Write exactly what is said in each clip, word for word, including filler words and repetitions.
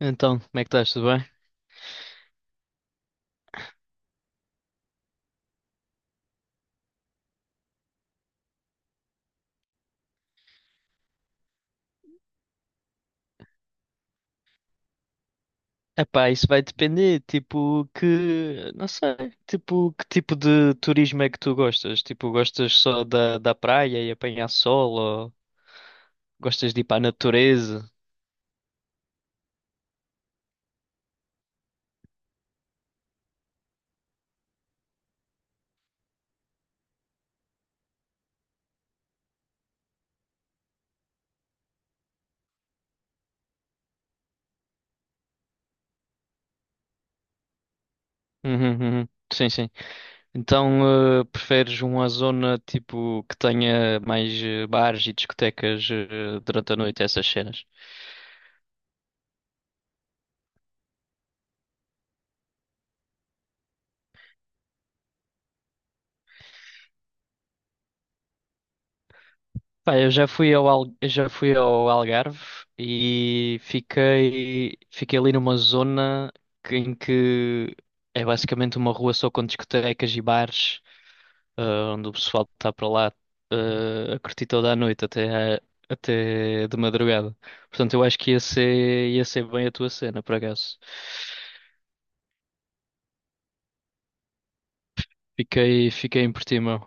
Então, como é que estás? Tudo bem? Epá, isso vai depender, tipo, que, não sei, tipo, que tipo de turismo é que tu gostas? Tipo, gostas só da, da praia e apanhar sol ou gostas de ir para a natureza? Uhum, uhum. Sim, sim. Então, eh, preferes uma zona, tipo, que tenha mais eh, bares e discotecas, eh, durante a noite, essas cenas? Pá, eu já fui ao, Al- eu já fui ao Algarve e fiquei, fiquei ali numa zona que- em que é basicamente uma rua só com discotecas e bares, ah, onde o pessoal está para lá, ah, a curtir toda a noite até, à- até de madrugada. Portanto, eu acho que ia ser, ia ser bem a tua cena, por acaso. Fiquei, fiquei em Portimão.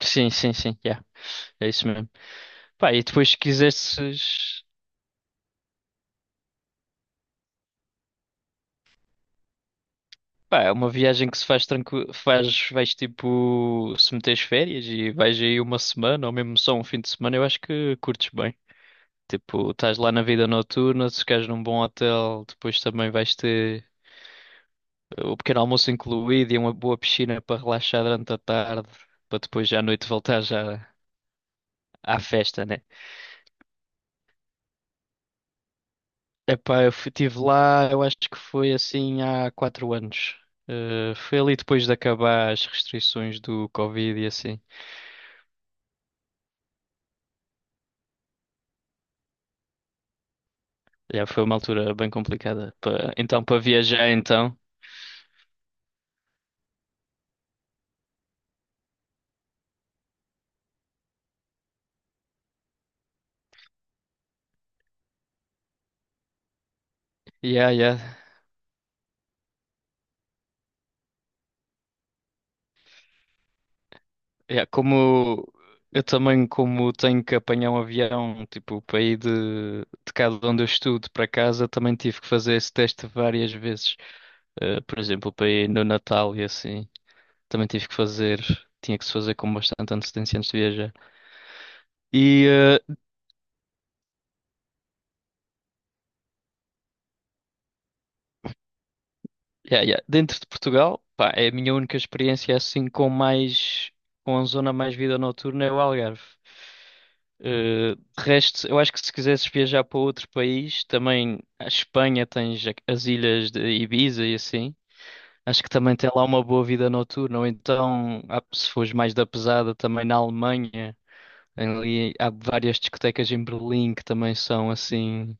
Sim, sim, sim, yeah, é isso mesmo. Pá, e depois se quisesses. Pá, é uma viagem que se faz tranquilo, faz, vais tipo, se meteres férias e vais aí uma semana ou mesmo só um fim de semana, eu acho que curtes bem. Tipo, estás lá na vida noturna, se ficares num bom hotel, depois também vais ter o pequeno almoço incluído e uma boa piscina para relaxar durante a tarde, para depois já à noite voltar já à festa, né? Epá, eu estive lá, eu acho que foi assim há quatro anos. Eh, foi ali depois de acabar as restrições do Covid e assim. Já foi uma altura bem complicada. Pa- então, para viajar, então. Yeah, yeah, yeah. Como Eu também, como tenho que apanhar um avião, tipo, para ir de, de cá de onde eu estudo para casa, também tive que fazer esse teste várias vezes. Eh, por exemplo, para ir no Natal e assim, também tive que fazer, tinha que se fazer com bastante antecedência antes de viajar. e eh, Yeah, yeah. Dentro de Portugal, pá, é a minha única experiência assim com mais, com a zona mais vida noturna é o Algarve. Eh, de resto, eu acho que se quisesses viajar para outro país, também a Espanha tens a- as ilhas de Ibiza e assim. Acho que também tem lá uma boa vida noturna. Ou então, ah, se fores mais da pesada, também na Alemanha, ali há várias discotecas em Berlim que também são assim.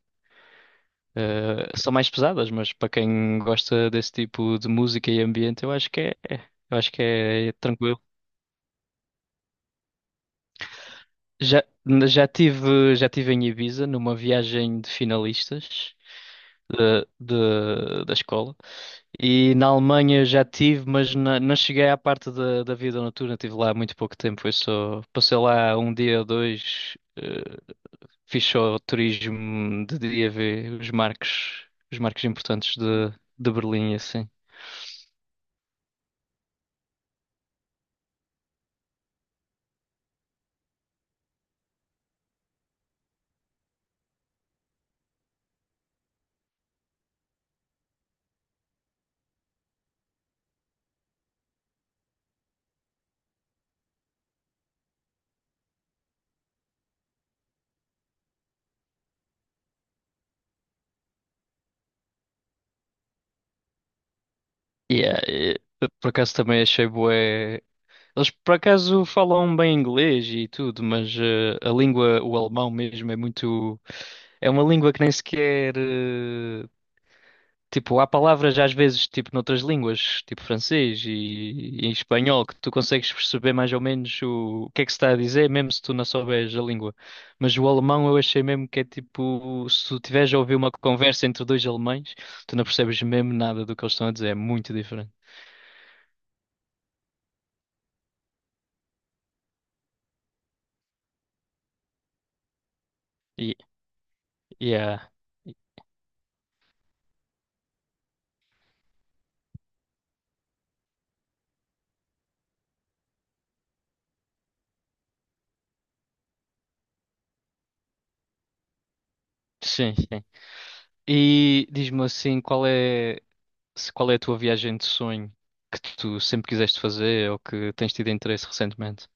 Eh, são mais pesadas, mas para quem gosta desse tipo de música e ambiente, eu acho que é, é- eu acho que é é tranquilo. Já, já tive, já tive em Ibiza numa viagem de finalistas de, de- da escola e na Alemanha já tive, mas na- não cheguei à parte da, da vida noturna, tive lá muito pouco tempo, foi só passei lá um dia ou dois, eh, fiz só turismo de dia ver os marcos, os marcos importantes de, de Berlim e assim. Yeah, eh, por acaso também achei bué. Eles por acaso falam bem inglês e tudo, mas eh, a língua, o alemão mesmo, é muito. É uma língua que nem sequer. eh, Tipo, há palavras às vezes, tipo, noutras línguas, tipo francês e, e em espanhol, que tu consegues perceber mais ou menos o, o que é que se está a dizer, mesmo se tu não souberes a língua. Mas o alemão eu achei mesmo que é tipo, se tu tiveres a ouvir uma conversa entre dois alemães, tu não percebes mesmo nada do que eles estão a dizer, é muito diferente. E Yeah. Sim, sim. E diz-me assim, qual é, se- qual é a tua viagem de sonho que tu sempre quiseste fazer ou que tens tido interesse recentemente?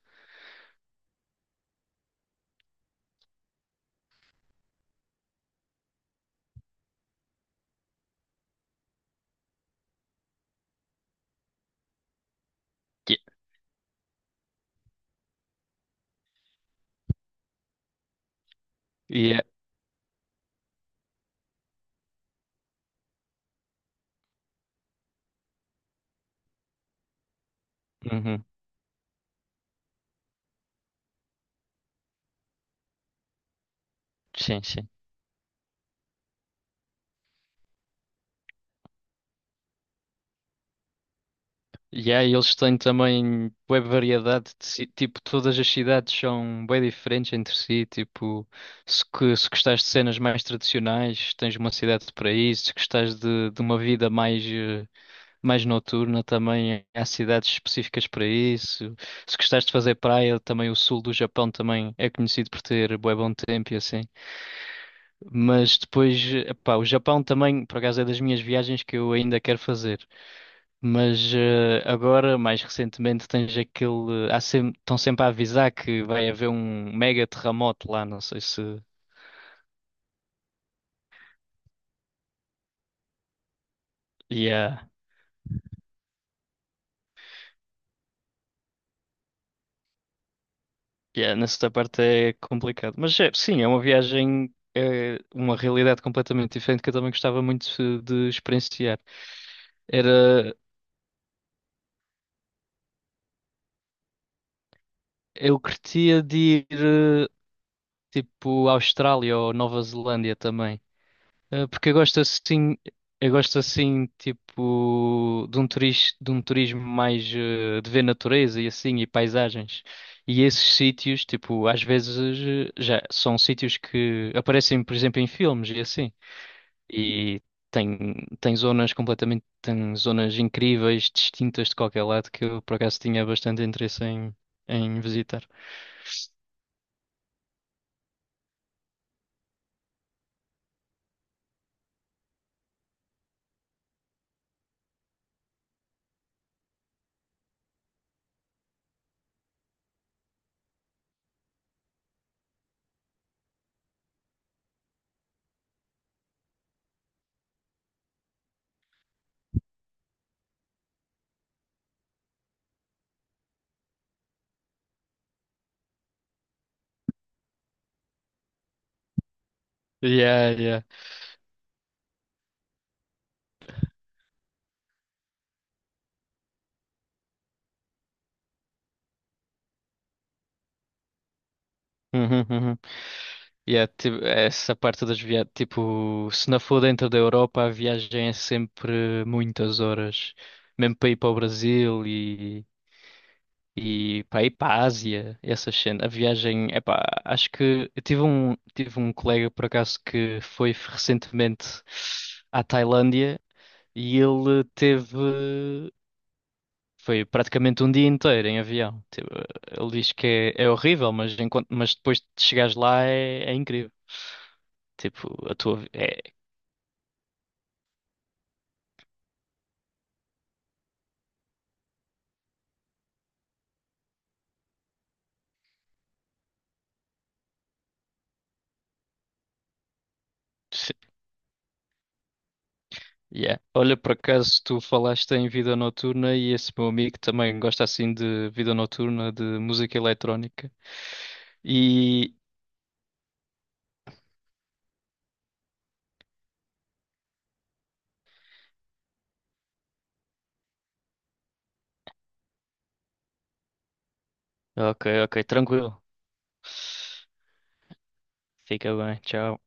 Yeah. Yeah. Uhum. Sim, sim. Yeah, e eles têm também bué variedade de ci- tipo, todas as cidades são bem diferentes entre si, tipo, se, que, se gostares de cenas mais tradicionais, tens uma cidade para isso, se gostares de, de uma vida mais eh, mais noturna também. Há cidades específicas para isso. Se gostares de fazer praia, também o sul do Japão também é conhecido por ter bué bom tempo e assim. Mas depois, epá, o Japão também, por acaso, é das minhas viagens que eu ainda quero fazer. Mas eh, agora, mais recentemente, tens aquele. Há sempre, estão sempre a avisar que vai haver um mega terremoto lá, não sei se. Yeah. Yeah, nesta parte é complicado. Mas é, sim, é uma viagem, é uma realidade completamente diferente que eu também gostava muito de experienciar. Era, eu curtia de ir eh, tipo à Austrália ou Nova Zelândia também. Eh, Porque eu gosto assim, eu gosto assim tipo de um turis, de um turismo mais eh, de ver natureza e assim e paisagens. E esses sítios, tipo, às vezes eh, já são sítios que aparecem, por exemplo, em filmes e assim. E tem, tem zonas completamente, tem zonas incríveis, distintas de qualquer lado, que eu por acaso tinha bastante interesse em, em visitar. Yeah, yeah. Uhum, uhum. Yeah, tipo, essa parte das viagens, tipo, se não for dentro da Europa, a viagem é sempre muitas horas, mesmo para ir para o Brasil e. E para ir para a Ásia, essas cena, a viagem, epá, acho que eu tive um, tive um colega por acaso que foi recentemente à Tailândia e ele teve. Foi praticamente um dia inteiro em avião. Tipo, ele diz que é, é horrível, mas, enquanto, mas depois de chegares lá é, é incrível. Tipo, a tua. Vi- É, yeah. Olha, por acaso tu falaste em vida noturna e esse meu amigo também gosta assim de vida noturna, de música eletrónica. E. Ok, ok, tranquilo. Fica bem, tchau.